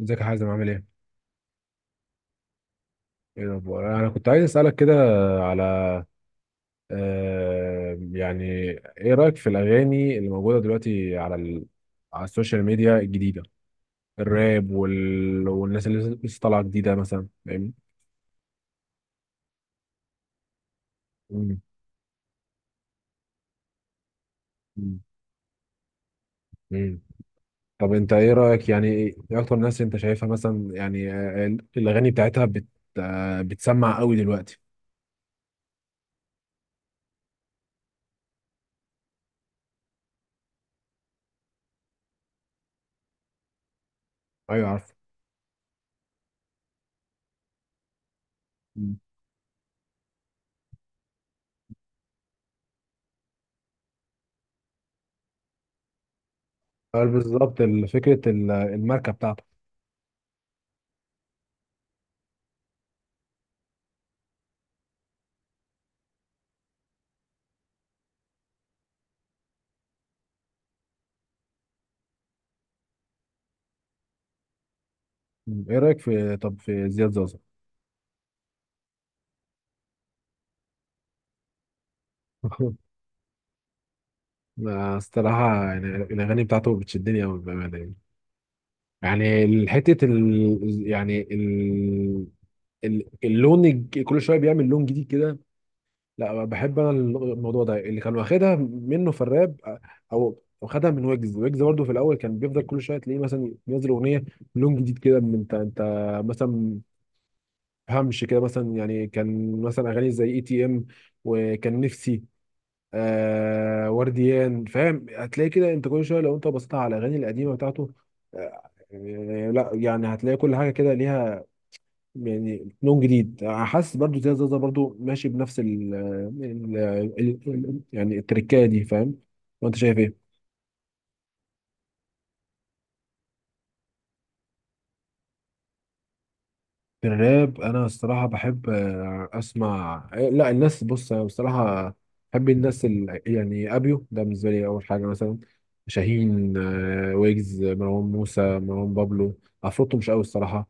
ازيك يا حازم عامل ايه؟ ايه الاخبار؟ انا كنت عايز اسالك كده على آه يعني ايه رايك في الاغاني اللي موجوده دلوقتي على على السوشيال ميديا الجديده، الراب والناس اللي لسه طالعه جديده مثلا، فاهمني؟ مم. مم. مم. طب انت ايه رايك؟ يعني ايه اكتر ناس انت شايفها مثلا؟ يعني الاغاني بتاعتها آه، بتسمع قوي دلوقتي. ايوه عارف. مم. بالظبط، فكره الماركه بتاعته. مم. ايه رايك في، طب في زياد زوزو؟ أنا الصراحة يعني الأغاني بتاعته بتشدني أوي بأمانة يعني. يعني حتة ال يعني ال ال- اللون، كل شوية بيعمل لون جديد كده. لا بحب أنا الموضوع ده، اللي كان واخدها منه في الراب أو خدها من ويجز. ويجز برضه في الأول كان بيفضل كل شوية تلاقيه مثلا ينزل أغنية لون جديد كده، من أنت مثلا. همش كده مثلا، يعني كان مثلا أغاني زي اي تي ام، وكان نفسي آه، ورديان. فاهم؟ هتلاقي كده انت كل شويه، لو انت بصيت على الاغاني القديمه بتاعته لا يعني هتلاقي كل حاجه كده ليها يعني لون جديد. حاسس برضو زي زازا برضو ماشي بنفس يعني التركايه دي، فاهم؟ وانت شايف ايه؟ الراب انا الصراحه بحب اسمع. لا الناس، بص انا بصراحه بحب يعني ابيو ده بالنسبه لي اول حاجه مثلا، شاهين، ويجز، مروان موسى، مروان بابلو، عفروتو مش قوي الصراحه،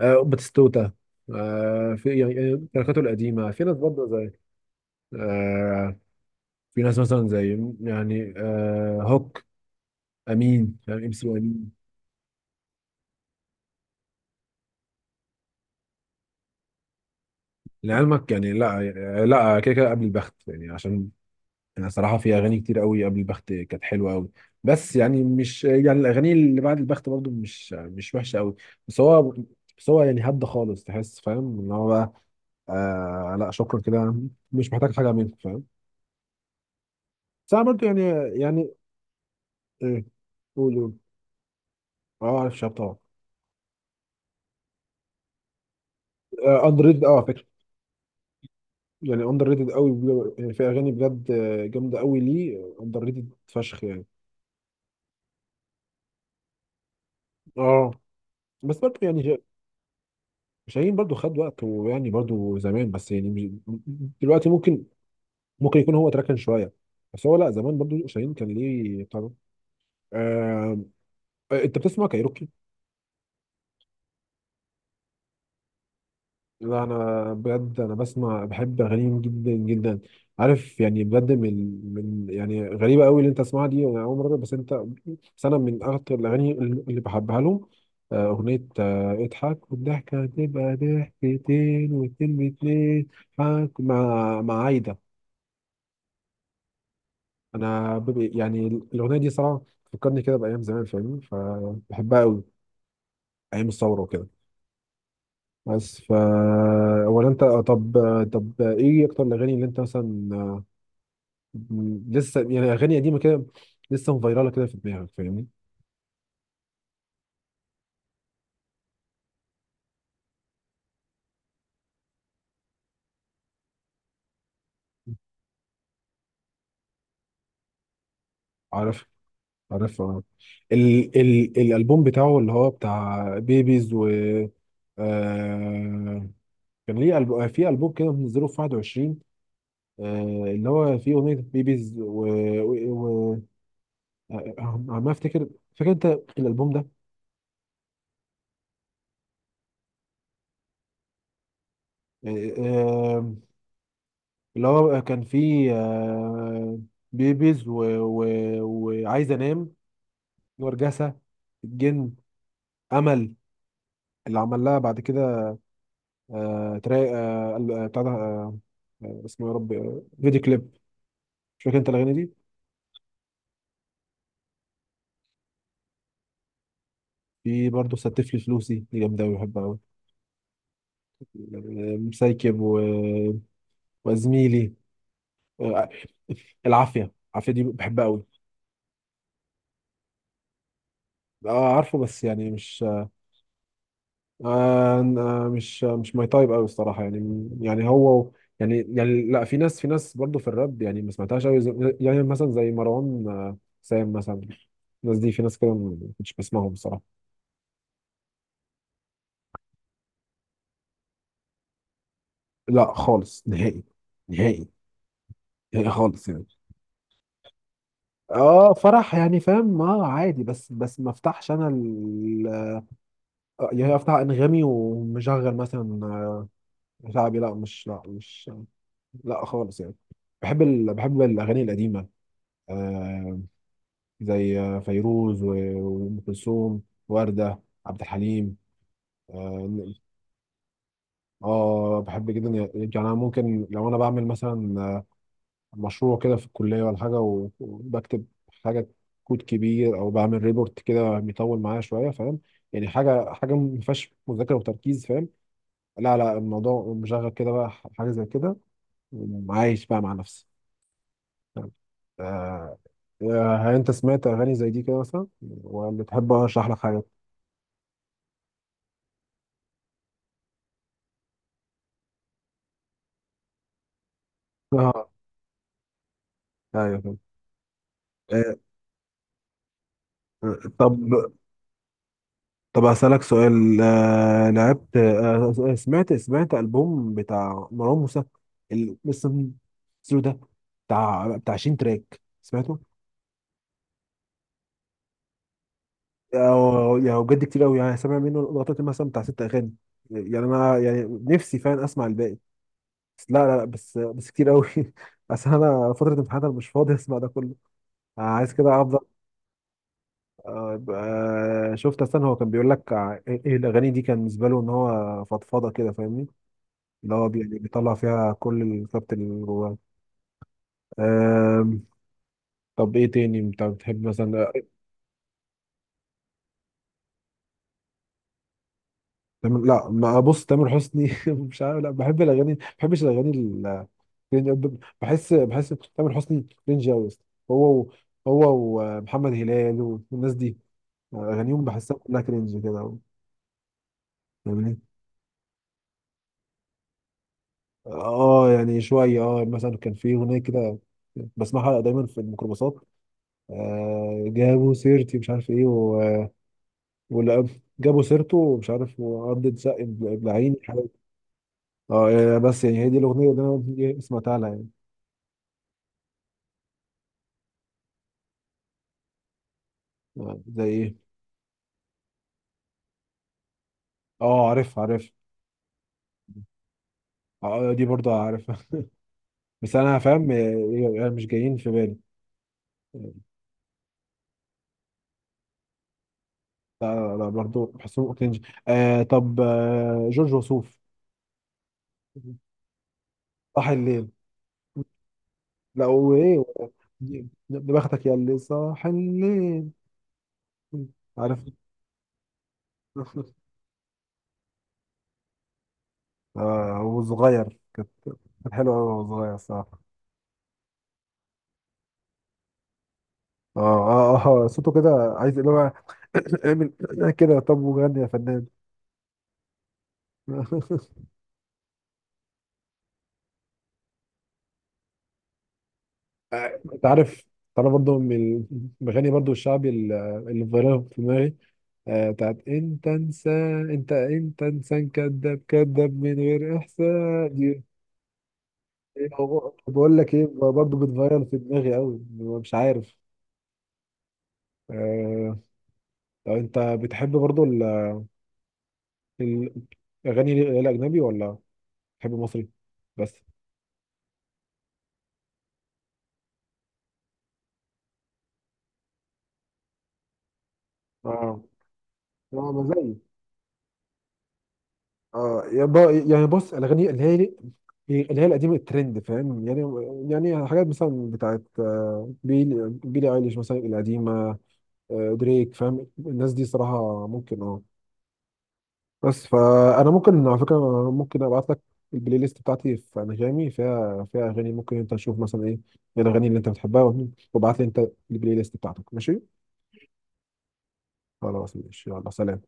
باتيستوتا، في يعني، يعني تركاته القديمه. في ناس برضه زي آه، في ناس مثلا زي يعني هوك، امين يعني، ام سي امين. لعلمك يعني، لا لا كده كده، قبل البخت يعني. عشان انا صراحه في اغاني كتير قوي قبل البخت كانت حلوه قوي، بس يعني مش يعني الاغاني اللي بعد البخت برضو مش وحشه قوي. بس هو بس هو يعني هدى خالص، تحس فاهم ان هو بقى آه، لا شكرا كده، مش محتاج حاجه منك، فاهم؟ بس انا برضو يعني، يعني آه، قول. اه عارف شاب طبعا. اندر ريتد، اه underrated أوي على فكره. يعني اندر ريتد قوي يعني في اغاني بجد جامده قوي، ليه اندر ريتد فشخ يعني؟ اه، بس برضو يعني، شاهين برضو خد وقت، ويعني برضو زمان، بس يعني مش دلوقتي. ممكن ممكن يكون هو تركن شويه، بس هو لا، زمان برضو شاهين كان ليه طبعا. آه... انت بتسمع كايروكي؟ لا انا بجد انا بسمع، بحب اغانيهم جدا جدا. عارف يعني بجد، من يعني غريبه قوي اللي انت تسمعها دي، انا اول مره. بس انت، بس انا من اكتر الاغاني اللي بحبها لهم اغنيه اضحك والضحكه هتبقى ضحكتين، واتنين باتنين، حك مع عايده. انا يعني الاغنيه دي صراحه فكرني كده بايام زمان، فاهمني؟ فبحبها قوي. ايام الثوره وكده. بس فا، ولا انت؟ طب، طب ايه اكتر الاغاني اللي انت مثلا لسه يعني اغاني قديمه كده، لسه مفيراله كده في دماغك، فاهمني؟ عارف عارف اه ال ال الالبوم بتاعه، اللي هو بتاع بيبيز و آه، كان ليه في ألبوم كده منزله في 21 آه، اللي هو فيه أغنية و... عم افتكر. فاكر انت الالبوم ده؟ يعني اللي هو كان فيه بيبيز و... و... وعايز انام، ورجسة الجن، امل، اللي عمل لها بعد كده تراي آه، ال- آه، بتاع ده آه، آه، اسمه يا رب فيديو كليب. مش فاكر انت الاغاني دي؟ في برضه ستف لي فلوسي، دي جامده أوي بحبها قوي. مسايكب و... وزميلي آه، العافيه دي بحبها قوي. اه عارفه، بس يعني مش أنا مش ماي تايب قوي الصراحه. يعني يعني هو يعني يعني لا في ناس، في ناس برضو في الراب يعني ما سمعتهاش قوي يعني مثلا زي مروان سام مثلا. الناس دي، في ناس كده ما كنتش بسمعهم الصراحه. لا خالص، نهائي، نهائي، نهائي خالص يعني. اه فرح يعني فاهم، اه عادي، بس ما افتحش انا يعني افتح انغامي ومشغل مثلا شعبي. لا مش لا خالص يعني. بحب بحب الاغاني القديمه آه، زي فيروز وأم كلثوم، وردة، عبد الحليم، اه. بحب جدا يعني. أنا ممكن لو أنا بعمل مثلا مشروع كده في الكلية ولا حاجة، وبكتب حاجة، كود كبير، أو بعمل ريبورت كده بيطول معايا شوية، فاهم؟ يعني حاجة ما فيهاش مذاكرة وتركيز، فاهم؟ لا لا، الموضوع مشغل كده بقى حاجة زي كده وعايش بقى مع نفسي. فاهم؟ آه، هل انت سمعت اغاني زي دي كده مثلا؟ ولا تحب اشرح لك حاجه؟ ايوه فهمت. آه، آه، طب طب هسألك سؤال آه، لعبت آه، سمعت سمعت ألبوم بتاع مروان موسى، بس السلو ده، بتاع 20 تراك، سمعته؟ يعني بجد كتير قوي. يعني سامع منه لغاية مثلا بتاع ست أغاني. يعني أنا يعني نفسي فعلا أسمع الباقي، بس لا لا لا، بس بس كتير قوي. بس أنا فترة امتحانات، أنا مش فاضي أسمع ده كله. عايز كده أفضل. طيب، يبقى شفت. استنى هو كان بيقول لك ايه الاغاني دي كان بالنسبه له ان هو فضفضه كده، فاهمني؟ اللي هو يعني بيطلع فيها كل الكبت اللي جواه. آم، طب ايه تاني انت بتحب مثلا تامر؟ لا، ما بص تامر حسني مش عارف، لا بحب الاغاني، ما بحبش الاغاني بحس تامر حسني رينج قوي، هو و- هو ومحمد هلال والناس دي اغانيهم بحسها كلها كرنج كده، فاهمني؟ اه يعني شويه. اه مثلا كان في اغنيه كده بسمعها دايما في الميكروباصات، آه جابوا سيرتي مش عارف ايه ولا جابوا سيرته ومش عارف، وعضة ساق ابن ابن عيني حاجة. اه يعني بس يعني هي دي الاغنيه اللي انا إيه سمعتها لها يعني. زي ايه؟ اه عارف اه دي برضه عارفها بس انا فاهم يعني مش جايين في بالي. لا لا، برضه بحسهم كرنج. آه طب جورج وسوف، صح الليل. لا وايه، بختك يا اللي صاح الليل. عارف آه، هو صغير كانت، كانت حلوه قوي وهو صغير الصراحه. اه اه اه صوته كده عايز اللي هو اعمل كده، طب وغني يا فنان. انت عارف، تعرف برضه من المغني برضه الشعبي اللي فايرال في دماغي بتاعت انت انسان، انت انسان كذاب، كذاب من غير احساس. إيه بقول لك ايه، برضه بتغير في دماغي قوي مش عارف. آه... طب انت بتحب برضه ال- الاغاني الاجنبي، ولا بتحب مصري بس؟ اه اه مزاجي. اه يعني بص الاغاني اللي هي القديمه الترند، فاهم يعني؟ يعني حاجات مثلا بتاعت بيلي ايليش مثلا القديمه، دريك، فاهم؟ الناس دي صراحه ممكن، اه. بس فانا ممكن على فكره ممكن ابعت لك البلاي ليست بتاعتي في انغامي، فيها اغاني ممكن انت تشوف مثلا ايه الاغاني اللي انت بتحبها، وابعت لي انت البلاي ليست بتاعتك، ماشي؟ خلاص ماشي، يلا سلام.